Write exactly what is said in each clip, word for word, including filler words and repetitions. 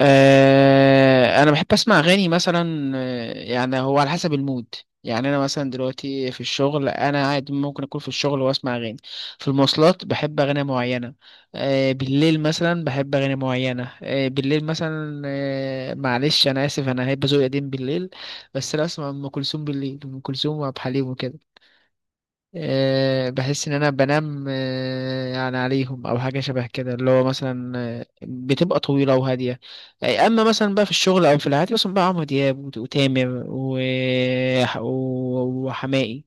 آه، انا بحب اسمع اغاني مثلا آه، يعني هو على حسب المود. يعني انا مثلا دلوقتي في الشغل، انا قاعد ممكن اكون في الشغل واسمع اغاني. في المواصلات بحب اغاني معينه. آه، بالليل مثلا بحب اغاني معينه، آه، بالليل مثلا آه، معلش انا اسف، انا هيبقى ذوقي قديم بالليل. بس انا اسمع ام كلثوم بالليل، ام كلثوم وعبد الحليم وكده. آه، بحس ان انا بنام آه، يعني عليهم او حاجه شبه كده، اللي هو مثلا آه، بتبقى طويله وهاديه. آه، اما مثلا بقى في الشغل او في العادي مثلا بقى عمرو دياب وت- وتامر و- و- وحماقي.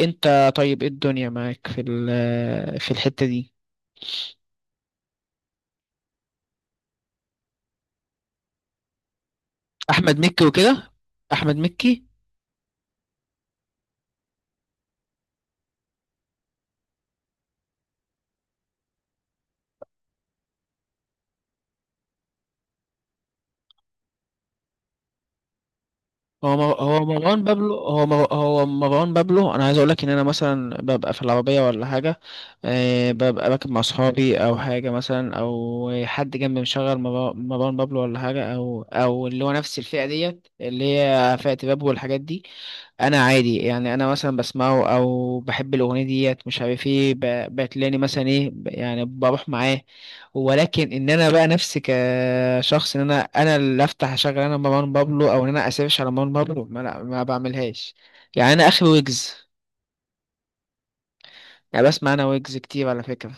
انت طيب، ايه الدنيا معاك في ال- في الحته دي؟ احمد مكي وكده. احمد مكي. هو مر- هو مروان بابلو هو مر- هو مروان بابلو، انا عايز اقول لك ان انا مثلا ببقى في العربيه ولا حاجه، آه، ببقى راكب مع اصحابي او حاجه، مثلا او حد جنبي مشغل مرا- مروان بابلو ولا حاجه، او او اللي هو نفس الفئه ديت، اللي هي فئه بابلو والحاجات دي. انا عادي يعني، انا مثلا بسمعه او بحب الاغنيه ديت، مش عارف ايه، ب- بتلاقيني مثلا ايه، ب- يعني بروح معاه. ولكن ان انا بقى نفسي كشخص، ان انا انا اللي افتح اشغل انا مروان بابلو، او ان انا اسيرش على مروان بابلو، ما, لا ما بعملهاش. يعني انا اخر ويجز. يعني بسمع انا ويجز كتير على فكره.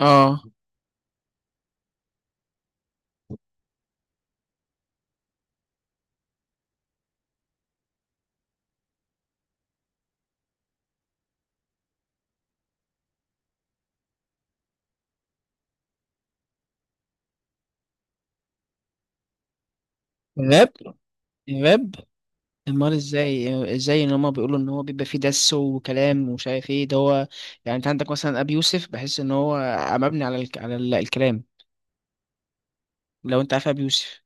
اه، الراب الراب. امال ازاي ازاي ان هما بيقولوا ان هو بيبقى فيه دس وكلام ومش عارف ايه ده هو. يعني انت عندك مثلا ابي يوسف، بحس ان هو مبني على الك... على ال- الكلام. لو انت عارف ابي يوسف.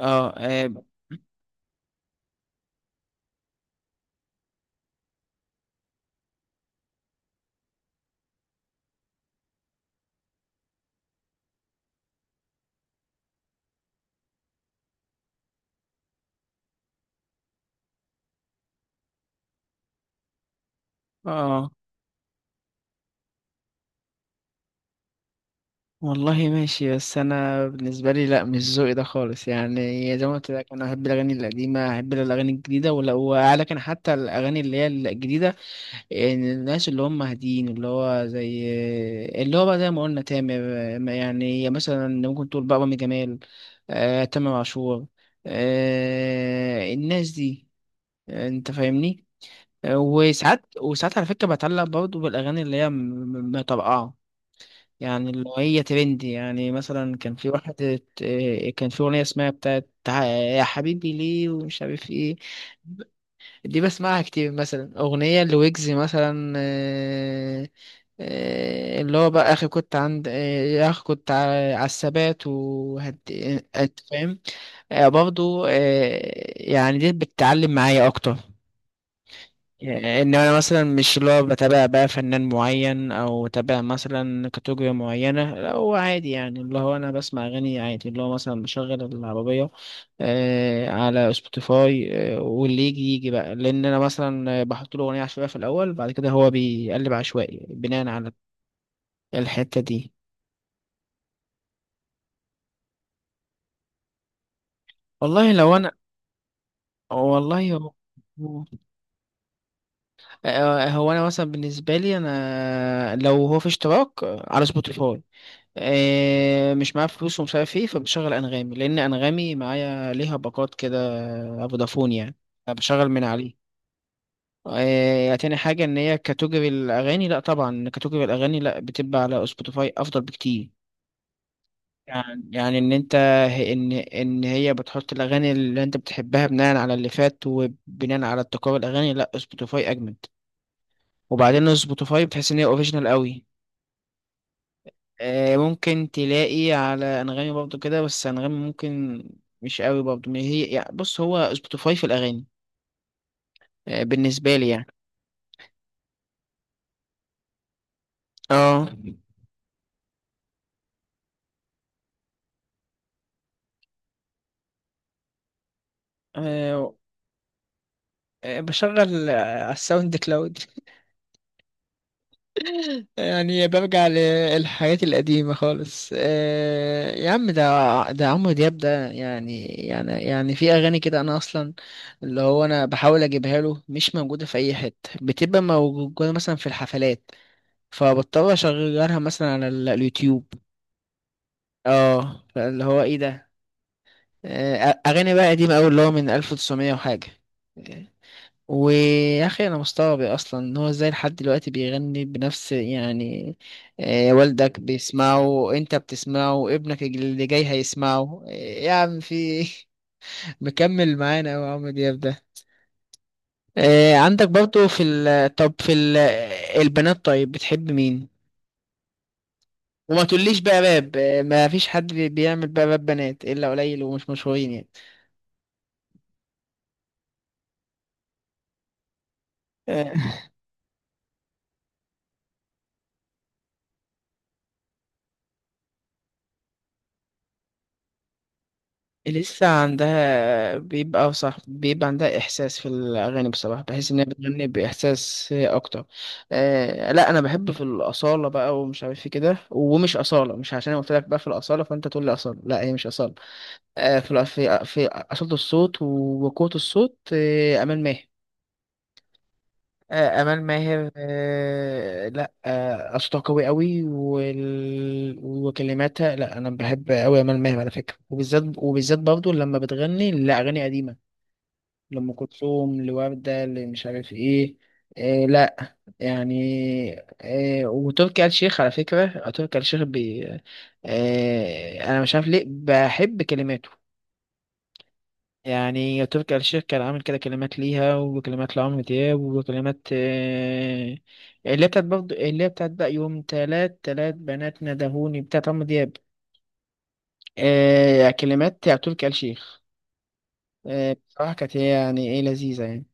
اه، اه. آه. والله ماشي، بس انا بالنسبه لي لا، مش ذوقي ده خالص. يعني زي ما قلت لك، انا احب الاغاني القديمه، احب الاغاني الجديده، ولا- وعلى كان حتى الاغاني اللي هي الجديده، يعني الناس اللي هم هادين، اللي هو زي اللي هو بقى زي ما قلنا تامر. يعني مثلا ممكن تقول بقى رامي جمال، آه، تامر عاشور، آه، الناس دي، آه، انت فاهمني. وساعات وساعات على فكرة بتعلق برضه بالأغاني اللي هي م- م- مطرقعة، يعني اللي هي ترندي. يعني مثلا كان في واحد ات- اه كان في أغنية اسمها بتاعت تع- يا حبيبي ليه ومش عارف ايه. دي بسمعها كتير، مثلا أغنية لويجز مثلا اه، اه، اللي هو بقى أخي كنت عند اه، يا أخي كنت على الثبات وهد، انت فاهم. آه، برضه آه، يعني دي بتتعلم معايا أكتر. يعني ان انا مثلا مش اللي هو بتابع بقى فنان معين او بتابع مثلا كاتيجوري معينه، لا، هو عادي. يعني اللي هو انا بسمع اغاني عادي، اللي هو مثلا بشغل العربيه آه على سبوتيفاي، آه واللي يجي يجي بقى، لان انا مثلا بحط له اغنيه عشوائيه في الاول، بعد كده هو بيقلب عشوائي بناء على الحته دي. والله لو انا، والله هو آه، هو انا مثلا بالنسبه لي، انا لو هو في اشتراك على سبوتيفاي، آه، مش معايا فلوس ومش عارف ايه، فبشغل انغامي لان انغامي معايا ليها باقات كده، فودافون يعني، بشغل من عليه. آه، تاني حاجة إن هي كاتوجري الأغاني، لأ طبعا كاتوجري الأغاني لأ بتبقى على سبوتيفاي أفضل بكتير. يعني يعني إن أنت، إن إن هي بتحط الأغاني اللي أنت بتحبها بناء على اللي فات وبناء على ابتكار الأغاني، لأ سبوتيفاي أجمد. وبعدين سبوتيفاي بتحس إن هي أوريجينال قوي. آه، ممكن تلاقي على انغامي برضو كده، بس انغامي ممكن مش قوي برضو، ما هي يعني بص، هو سبوتيفاي في الاغاني آه، بالنسبه لي يعني. اه. آه، آه، بشغل آه، على الساوند كلاود يعني برجع للحاجات القديمة خالص. آه، يا عم، ده ده عمرو دياب ده، يعني يعني يعني في أغاني كده، أنا أصلا اللي هو أنا بحاول أجيبها له مش موجودة في أي حتة، بتبقى موجودة مثلا في الحفلات، فبضطر اشغلها مثلا على ال- اليوتيوب. اه، فاللي هو ايه ده. آه، اغاني بقى قديمه قوي اللي هو من ألف وتسعمية وحاجه. ويا اخي انا مستغرب اصلا ان هو ازاي لحد دلوقتي بيغني بنفس، يعني آه، والدك بيسمعه، انت بتسمعه، ابنك اللي جاي هيسمعه. آه، يا عم، في إيه؟ مكمل معانا أوي عمرو دياب ده. آه، عندك برضه في ال... طب في ال... البنات طيب بتحب مين؟ وما تقوليش بقى باب، ما فيش حد بي- بيعمل بقى باب بنات الا قليل ومش مشهورين يعني. آه، لسه عندها بيبقى صح، بيبقى عندها احساس في الاغاني، بصراحه بحس ان هي بتغني باحساس اكتر. آه، لا، انا بحب في الاصاله بقى، ومش عارف ايه كده، ومش اصاله، مش عشان انا قلت لك بقى في الاصاله فانت تقول لي اصاله، لا، هي مش اصاله. آه، في الأ- في في اصاله الصوت وقوه الصوت. آه، امال ماهر، آه، امال ماهر. آه، لا آه، اصواتها قوي قوي، وال... وكلماتها. لا، انا بحب قوي امال ماهر على فكره، وبالذات وبالذات برضه لما بتغني لاغاني قديمه، لام كلثوم، لورده، لمش عارف ايه. آه، لا، يعني آه، وتركي آل الشيخ على فكره، آه، تركي آل الشيخ بي... آه، انا مش عارف ليه بحب كلماته. يعني تركي آل الشيخ كان عامل كده كلمات ليها، وكلمات لعمرو دياب، وكلمات آه، اللي هي بتاعت برضه اللي هي بتاعت بقى يوم تلات تلات بنات ندهوني، بتاعت عمرو دياب، آه، كلمات بتاع تركي آل الشيخ. آه، بصراحة كانت هي يعني ايه، لذيذة يعني.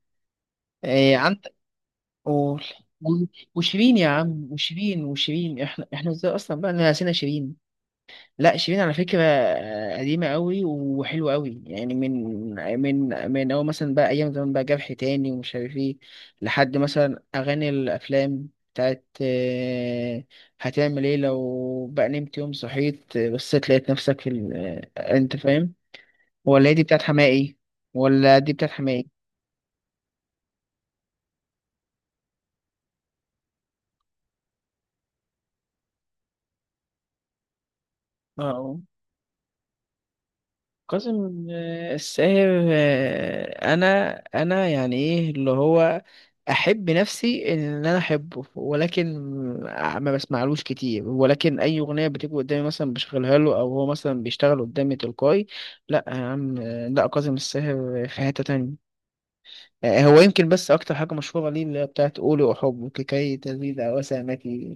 آه، عند، قول و- وشيرين يا عم، وشيرين وشيرين احنا احنا ازاي اصلا بقى نسينا شيرين. لا، شيرين على فكرة آه، قديمة قوي وحلوة قوي، يعني من من من أول مثلا بقى أيام زمان، بقى جرح تاني ومش عارف إيه، لحد مثلا أغاني الأفلام بتاعت آه، هتعمل إيه لو بقى نمت يوم صحيت، آه، بس لقيت نفسك في ال... آه، أنت فاهم. ولا هي دي بتاعت حماقي؟ ولا دي بتاعت حماقي؟ اه، قاسم آه، الساهر. آه، انا انا يعني ايه، اللي هو احب نفسي ان انا احبه، ولكن آه، ما بسمعلوش كتير، ولكن اي اغنيه بتيجي قدامي مثلا بشغلها له، او هو مثلا بيشتغل قدامي تلقائي. لا يا عم، آه، لا قاسم الساهر في حته تانية. آه، هو يمكن بس اكتر حاجه مشهوره ليه اللي هي بتاعت قولي احبك كي تزيد وسامتي.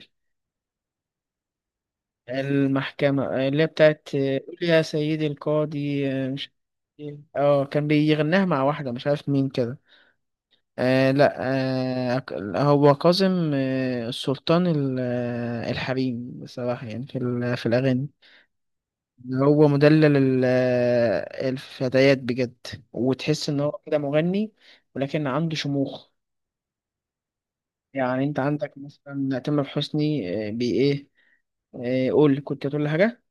المحكمة اللي هي بتاعت قول يا سيدي القاضي آه، مش اه، كان بيغناها مع واحدة مش عارف مين كده. آه، لا. آه، هو كاظم آه السلطان ال- آه، الحريم بصراحة، يعني في ال- في الأغاني هو مدلل ال- آه، الفتيات بجد، وتحس إن هو كده مغني، ولكن عنده شموخ. يعني أنت عندك مثلا تامر حسني آه، بي إيه. آه، قول، كنت هتقول لي حاجة.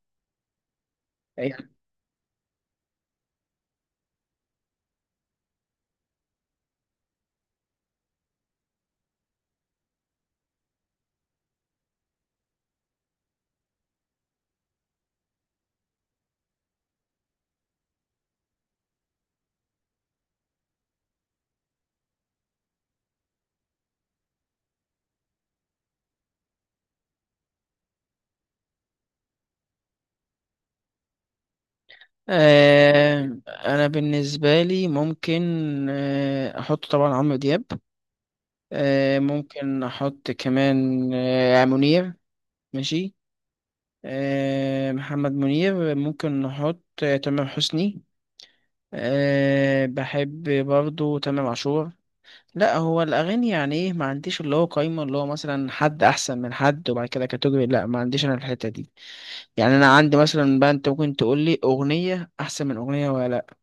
آه، انا بالنسبه لي ممكن آه، احط طبعا عمرو دياب، آه، ممكن احط كمان آه، منير. ماشي. آه، محمد منير. ممكن نحط آه، تامر حسني، آه، بحب برضو تامر عاشور. لا، هو الاغاني يعني ايه، ما عنديش اللي هو قايمه اللي هو مثلا حد احسن من حد، وبعد كده كاتيجوري، لا ما عنديش انا الحته دي. يعني انا عندي مثلا بقى، انت ممكن تقول لي اغنيه احسن من اغنيه ولا لا،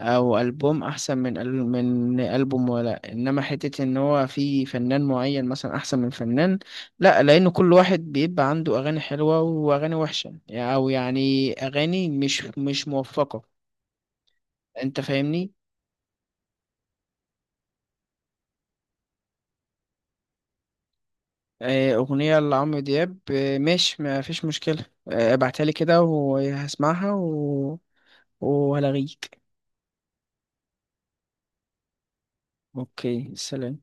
او البوم احسن من أل- من البوم، ولا انما حته ان هو في فنان معين مثلا احسن من فنان، لا، لان كل واحد بيبقى عنده اغاني حلوه واغاني وحشه، او يعني اغاني مش مش موفقه. انت فاهمني. آه، اغنيه لعمرو دياب، آه، ماشي ما فيش مشكله، آه، ابعتها لي كده وهسمعها و... وهلاغيك. اوكي، سلام.